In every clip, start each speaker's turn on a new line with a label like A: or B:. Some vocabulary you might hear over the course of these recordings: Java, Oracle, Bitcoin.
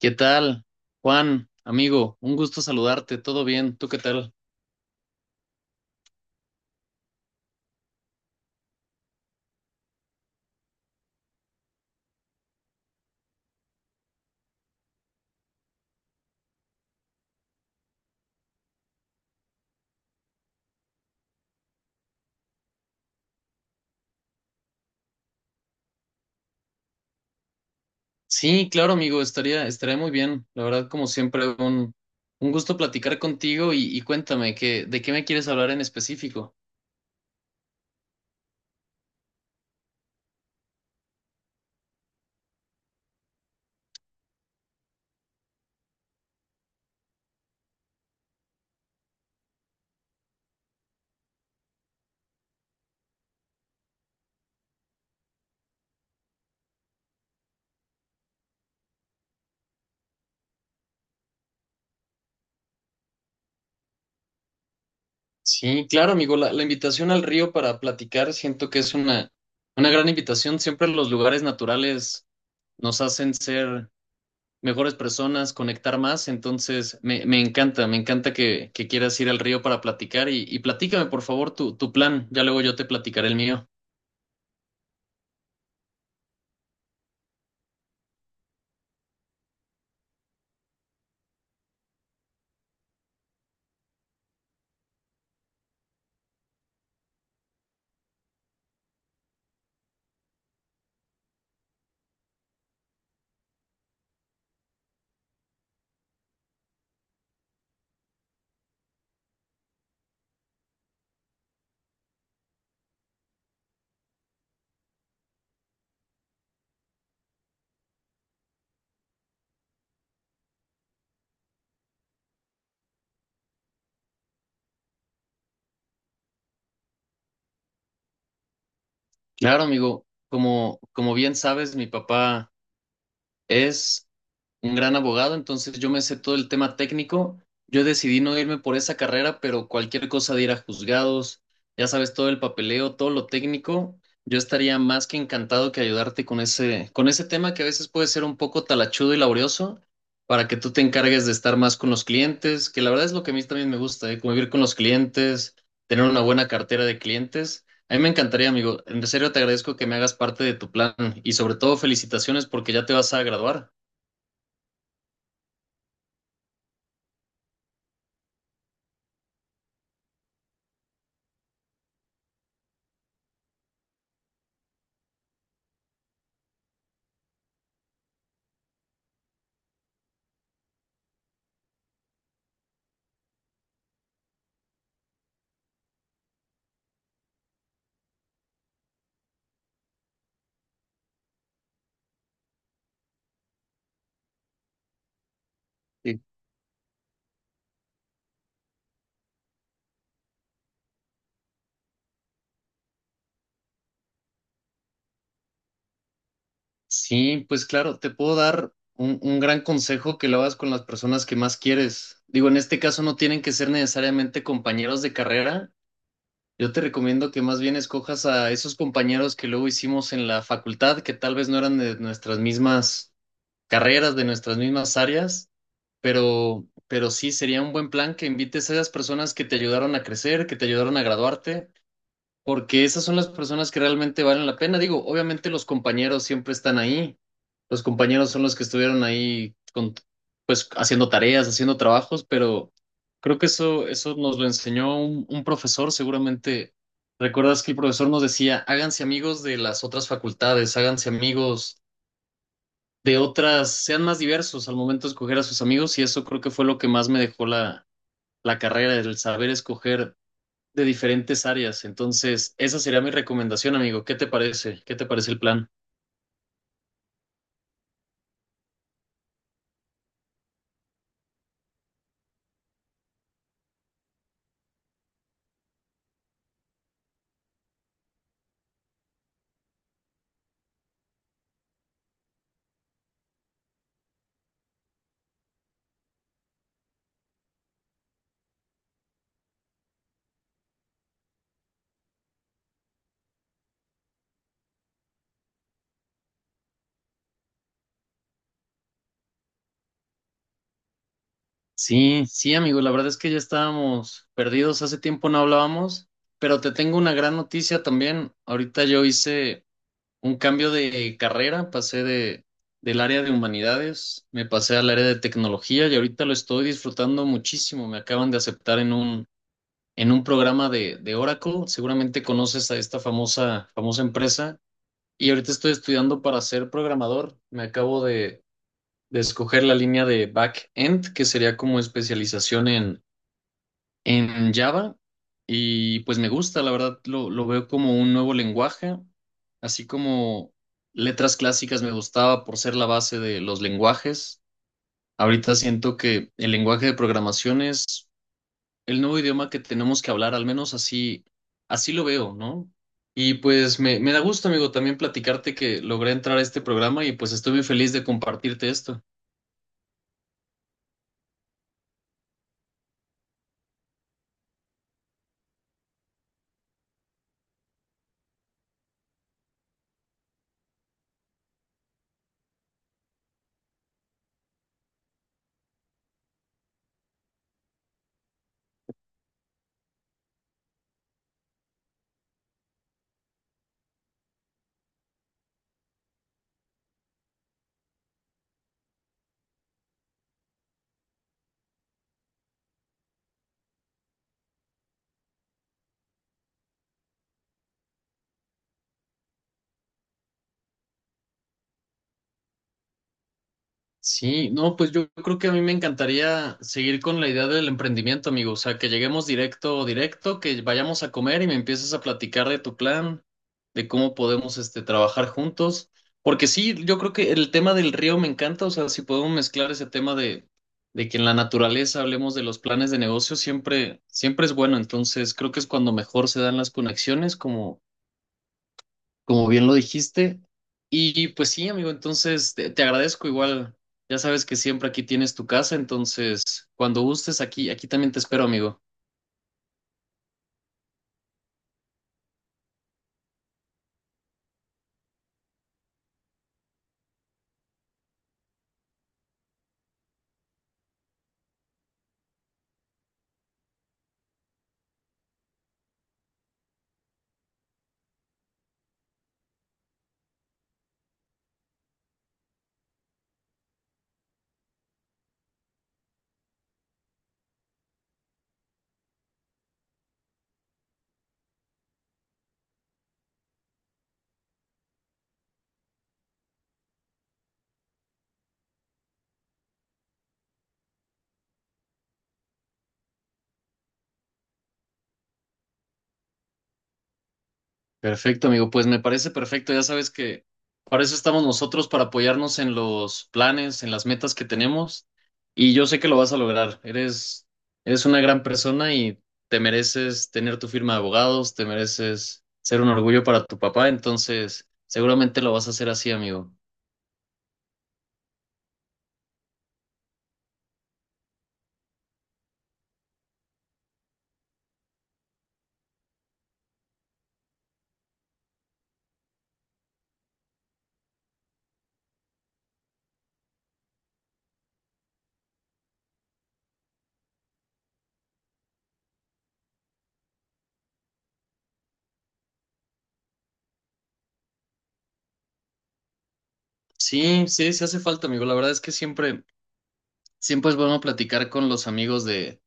A: ¿Qué tal, Juan, amigo? Un gusto saludarte, todo bien, ¿tú qué tal? Sí, claro, amigo, estaría muy bien. La verdad, como siempre, un gusto platicar contigo y cuéntame, ¿de qué me quieres hablar en específico? Sí, claro, amigo, la invitación al río para platicar siento que es una gran invitación. Siempre los lugares naturales nos hacen ser mejores personas, conectar más. Entonces, me encanta, me encanta que quieras ir al río para platicar y platícame, por favor, tu plan. Ya luego yo te platicaré el mío. Claro, amigo, como bien sabes, mi papá es un gran abogado, entonces yo me sé todo el tema técnico. Yo decidí no irme por esa carrera, pero cualquier cosa de ir a juzgados, ya sabes, todo el papeleo, todo lo técnico, yo estaría más que encantado que ayudarte con ese tema que a veces puede ser un poco talachudo y laborioso, para que tú te encargues de estar más con los clientes, que la verdad es lo que a mí también me gusta, ¿eh? Convivir con los clientes, tener una buena cartera de clientes. A mí me encantaría, amigo. En serio, te agradezco que me hagas parte de tu plan y sobre todo felicitaciones porque ya te vas a graduar. Sí, pues claro, te puedo dar un gran consejo que lo hagas con las personas que más quieres. Digo, en este caso no tienen que ser necesariamente compañeros de carrera. Yo te recomiendo que más bien escojas a esos compañeros que luego hicimos en la facultad, que tal vez no eran de nuestras mismas carreras, de nuestras mismas áreas, pero sí sería un buen plan que invites a esas personas que te ayudaron a crecer, que te ayudaron a graduarte porque esas son las personas que realmente valen la pena. Digo, obviamente los compañeros siempre están ahí. Los compañeros son los que estuvieron ahí con, pues haciendo tareas, haciendo trabajos, pero creo que eso nos lo enseñó un profesor, seguramente. ¿Recuerdas que el profesor nos decía, háganse amigos de las otras facultades, háganse amigos de otras, sean más diversos al momento de escoger a sus amigos? Y eso creo que fue lo que más me dejó la, la carrera, el saber escoger de diferentes áreas. Entonces, esa sería mi recomendación, amigo. ¿Qué te parece? ¿Qué te parece el plan? Sí, sí, amigo, la verdad es que ya estábamos perdidos, hace tiempo no hablábamos, pero te tengo una gran noticia también. Ahorita yo hice un cambio de carrera, pasé de del área de humanidades, me pasé al área de tecnología y ahorita lo estoy disfrutando muchísimo. Me acaban de aceptar en un programa de Oracle. Seguramente conoces a esta famosa famosa empresa. Y ahorita estoy estudiando para ser programador. Me acabo de escoger la línea de back-end, que sería como especialización en Java. Y pues me gusta, la verdad, lo veo como un nuevo lenguaje, así como letras clásicas me gustaba por ser la base de los lenguajes. Ahorita siento que el lenguaje de programación es el nuevo idioma que tenemos que hablar, al menos así lo veo, ¿no? Y pues me da gusto, amigo, también platicarte que logré entrar a este programa y pues estoy muy feliz de compartirte esto. Sí, no, pues yo creo que a mí me encantaría seguir con la idea del emprendimiento, amigo. O sea, que lleguemos directo, que vayamos a comer y me empieces a platicar de tu plan, de cómo podemos, este, trabajar juntos. Porque sí, yo creo que el tema del río me encanta. O sea, si podemos mezclar ese tema de que en la naturaleza hablemos de los planes de negocio, siempre, siempre es bueno. Entonces, creo que es cuando mejor se dan las conexiones, como como bien lo dijiste. Y pues sí, amigo, entonces te agradezco igual. Ya sabes que siempre aquí tienes tu casa, entonces cuando gustes aquí también te espero, amigo. Perfecto, amigo, pues me parece perfecto. Ya sabes que para eso estamos nosotros, para apoyarnos en los planes, en las metas que tenemos. Y yo sé que lo vas a lograr. Eres una gran persona y te mereces tener tu firma de abogados, te mereces ser un orgullo para tu papá, entonces seguramente lo vas a hacer así, amigo. Sí, sí, sí hace falta, amigo. La verdad es que siempre, siempre es bueno platicar con los amigos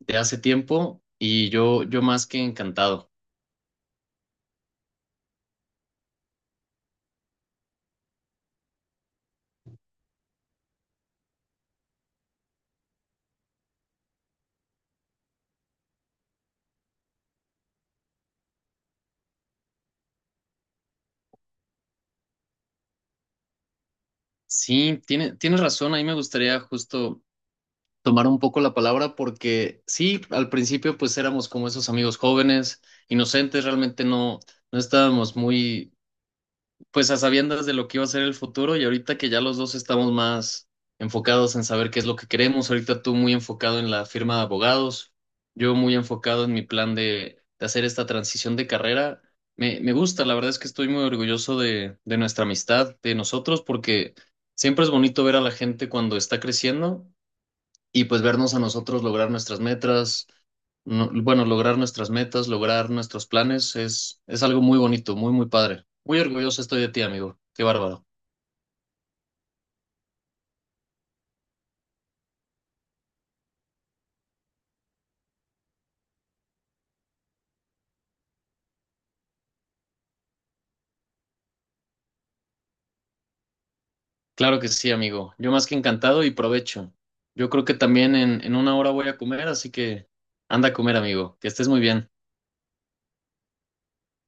A: de hace tiempo y yo más que encantado. Sí, tiene, tienes razón. Ahí me gustaría justo tomar un poco la palabra porque sí, al principio pues éramos como esos amigos jóvenes, inocentes, realmente no estábamos muy pues a sabiendas de lo que iba a ser el futuro y ahorita que ya los dos estamos más enfocados en saber qué es lo que queremos, ahorita tú muy enfocado en la firma de abogados, yo muy enfocado en mi plan de hacer esta transición de carrera. Me gusta, la verdad es que estoy muy orgulloso de nuestra amistad, de nosotros, porque siempre es bonito ver a la gente cuando está creciendo y pues vernos a nosotros lograr nuestras metas, bueno, lograr nuestras metas, lograr nuestros planes, es algo muy bonito, muy, muy padre. Muy orgulloso estoy de ti, amigo. Qué bárbaro. Claro que sí, amigo. Yo más que encantado y provecho. Yo creo que también en una hora voy a comer, así que anda a comer, amigo. Que estés muy bien.